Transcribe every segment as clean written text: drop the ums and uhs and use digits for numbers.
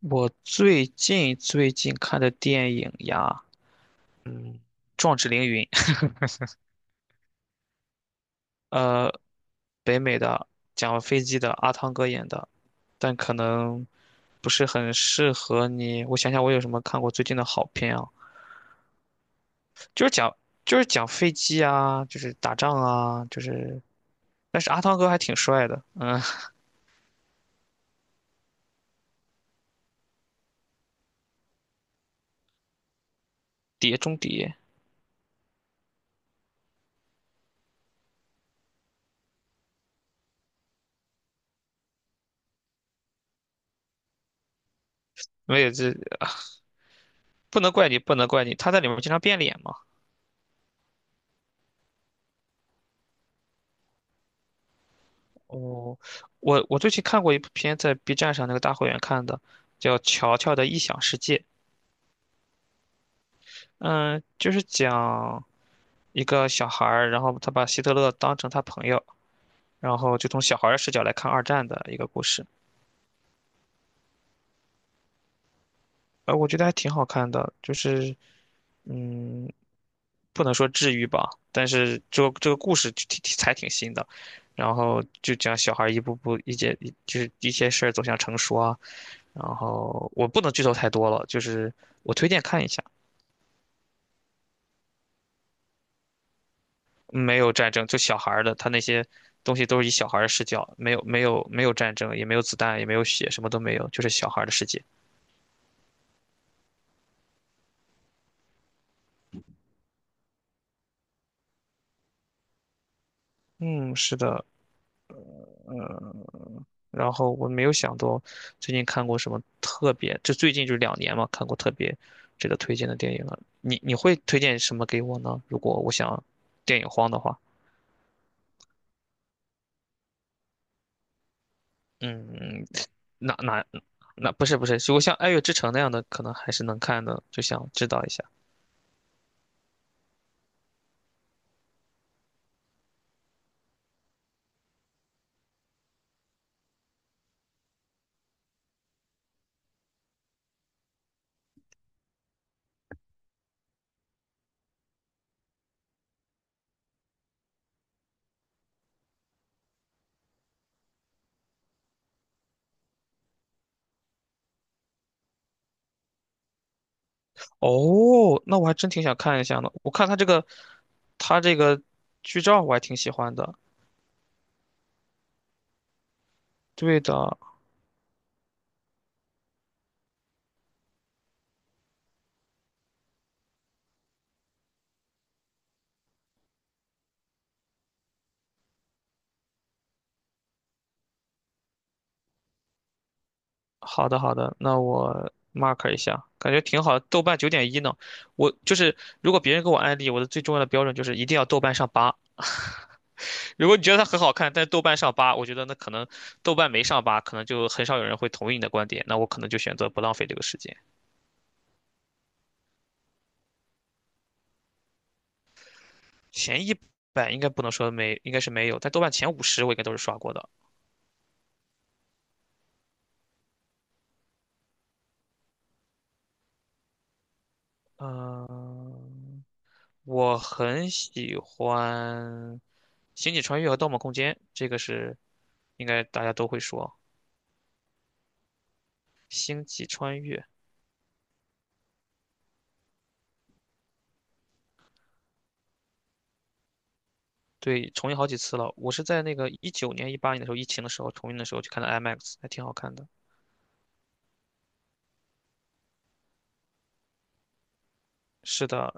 我最近看的电影呀，嗯，《壮志凌云》，呃，北美的，讲飞机的，阿汤哥演的，但可能不是很适合你。我想想，我有什么看过最近的好片啊？就是讲就是讲飞机啊，就是打仗啊，就是，但是阿汤哥还挺帅的，嗯。碟中谍。没有。不能怪你，不能怪你，他在里面经常变脸嘛。哦，我最近看过一部片，在 B 站上那个大会员看的，叫《乔乔的异想世界》。嗯，就是讲一个小孩儿，然后他把希特勒当成他朋友，然后就从小孩儿的视角来看二战的一个故事。我觉得还挺好看的，就是嗯，不能说治愈吧，但是这个故事就挺新的，然后就讲小孩儿一步步一些事儿走向成熟啊，然后我不能剧透太多了，就是我推荐看一下，没有战争，就小孩儿的，他那些东西都是以小孩儿的视角，没有战争，也没有子弹，也没有血，什么都没有，就是小孩儿的世界。嗯，是的。然后我没有想到最近看过什么特别，就最近就2年嘛，看过特别值得推荐的电影了。你会推荐什么给我呢？如果我想电影荒的话，嗯，那那那不是不是，如果像《爱乐之城》那样的，可能还是能看的，就想知道一下。哦，那我还真挺想看一下呢。我看他这个剧照我还挺喜欢的。对的，好的好的，那我 mark 一下，感觉挺好。豆瓣9.1呢，我就是如果别人给我安利，我的最重要的标准就是一定要豆瓣上八。如果你觉得它很好看，但是豆瓣上八，我觉得那可能豆瓣没上八，可能就很少有人会同意你的观点。那我可能就选择不浪费这个时间。前一百应该不能说没，应该是没有，但豆瓣前五十我应该都是刷过的。嗯、我很喜欢《星际穿越》和《盗梦空间》，这个是应该大家都会说《星际穿越》。对，重映好几次了。我是在那个2019年、2018年的时候，疫情的时候重映的时候去看的 IMAX，还挺好看的。是的，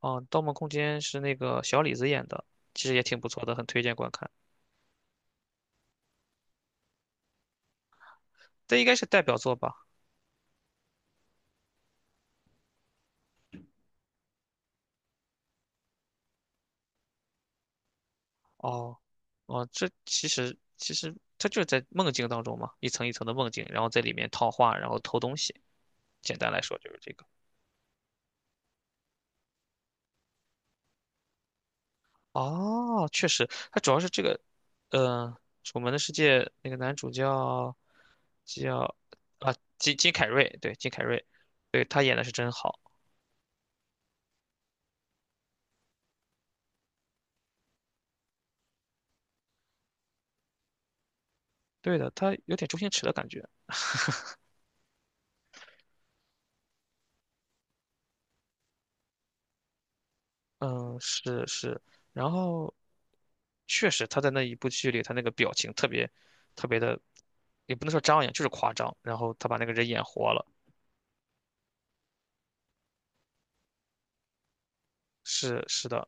啊，《盗梦空间》是那个小李子演的，其实也挺不错的，很推荐观看。这应该是代表作吧？哦，哦，这其实它就是在梦境当中嘛，一层一层的梦境，然后在里面套话，然后偷东西。简单来说就是这个。哦，确实，它主要是这个，嗯、楚门的世界》那个男主叫，啊，金凯瑞，对金凯瑞，对他演的是真好，对的，他有点周星驰的感觉，嗯，是是，然后确实他在那一部剧里，他那个表情特别特别的，也不能说张扬，就是夸张，然后他把那个人演活了，是是的，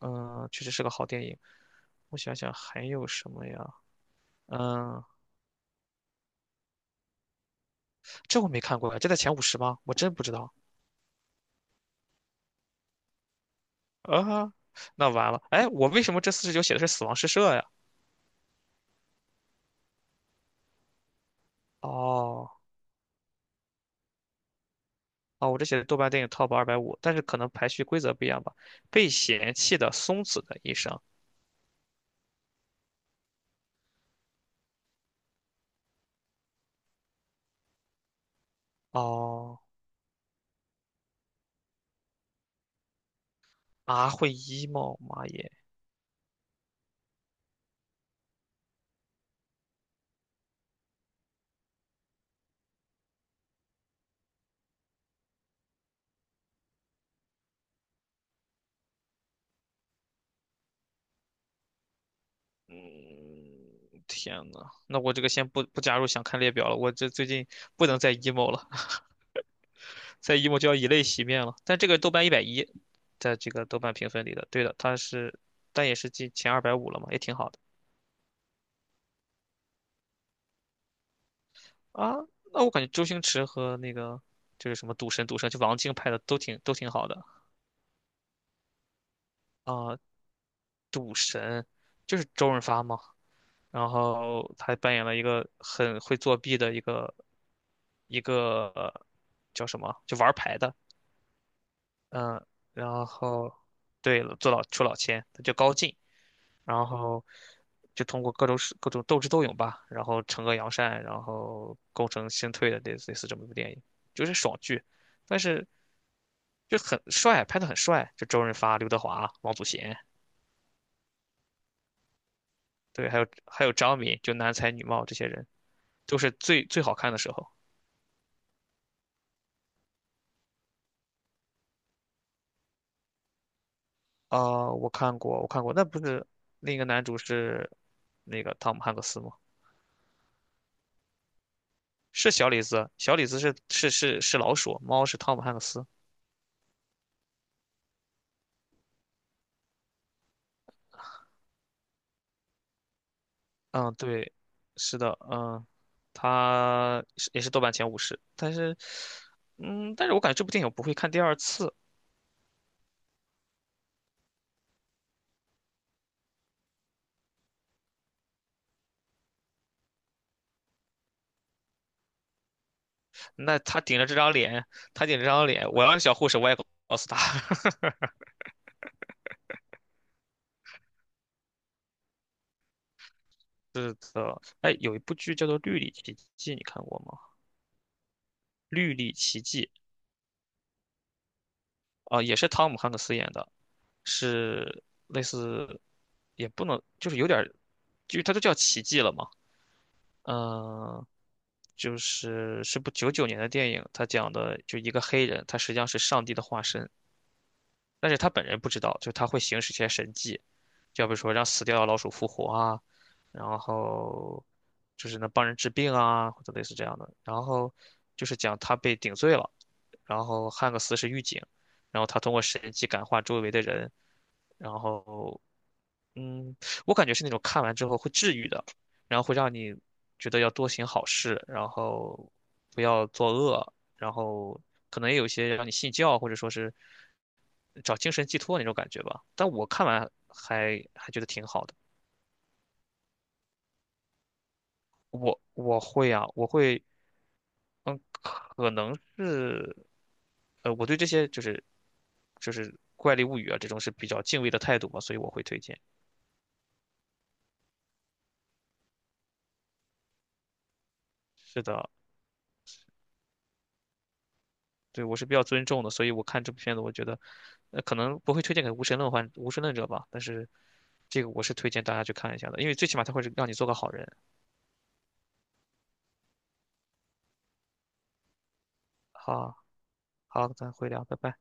嗯，确实是个好电影，我想想还有什么呀，嗯。这我没看过呀，这在前五十吗？我真不知道啊，那完了。哎，我为什么这49写的是死亡诗社呀？哦，哦，我这写的豆瓣电影 Top 二百五，但是可能排序规则不一样吧。被嫌弃的松子的一生。哦，啊，会 emo，妈耶！嗯，天呐，那我这个先不加入想看列表了，我这最近不能再 emo 了，再 emo 就要以泪洗面了。但这个豆瓣110，在这个豆瓣评分里的，对的，它是，但也是进前二百五了嘛，也挺好的。啊，那我感觉周星驰和那个就是什么赌神、赌圣，就王晶拍的都挺好的啊，就是周润发嘛。然后他还扮演了一个很会作弊的一个叫什么，就玩牌的，嗯，然后对了，出老千，他叫高进，然后就通过各种斗智斗勇吧，然后惩恶扬善，然后功成身退的类似这么一部电影，就是爽剧，但是就很帅，拍的很帅，就周润发、刘德华、王祖贤，对，还有张敏，就男才女貌这些人都是最最好看的时候。啊、我看过，我看过，那不是另一个男主是那个汤姆汉克斯吗？是小李子，小李子是老鼠，猫是汤姆汉克斯。嗯，对，是的，嗯，也是豆瓣前五十，嗯，但是我感觉这部电影我不会看第二次。那他顶着这张脸，他顶着这张脸，我要是小护士，我也告诉他。呃，哎，有一部剧叫做《绿里奇迹》，你看过吗？《绿里奇迹》啊、也是汤姆汉克斯演的，是类似，也不能，就是有点儿，就是它都叫奇迹了嘛。嗯、就是部1999年的电影，他讲的就一个黑人，他实际上是上帝的化身，但是他本人不知道，就他会行使一些神迹，就比如说让死掉的老鼠复活啊，然后就是能帮人治病啊，或者类似这样的。然后就是讲他被顶罪了，然后汉克斯是狱警，然后他通过神迹感化周围的人，然后嗯，我感觉是那种看完之后会治愈的，然后会让你觉得要多行好事，然后不要作恶，然后可能也有一些让你信教或者说是找精神寄托那种感觉吧。但我看完还觉得挺好的。我会啊，我会，嗯，可能是，我对这些就是怪力物语啊这种是比较敬畏的态度嘛，所以我会推荐。是的，对，我是比较尊重的，所以我看这部片子，我觉得，可能不会推荐给无神论者吧，但是这个我是推荐大家去看一下的，因为最起码他会让你做个好人。好，好，咱回聊，拜拜。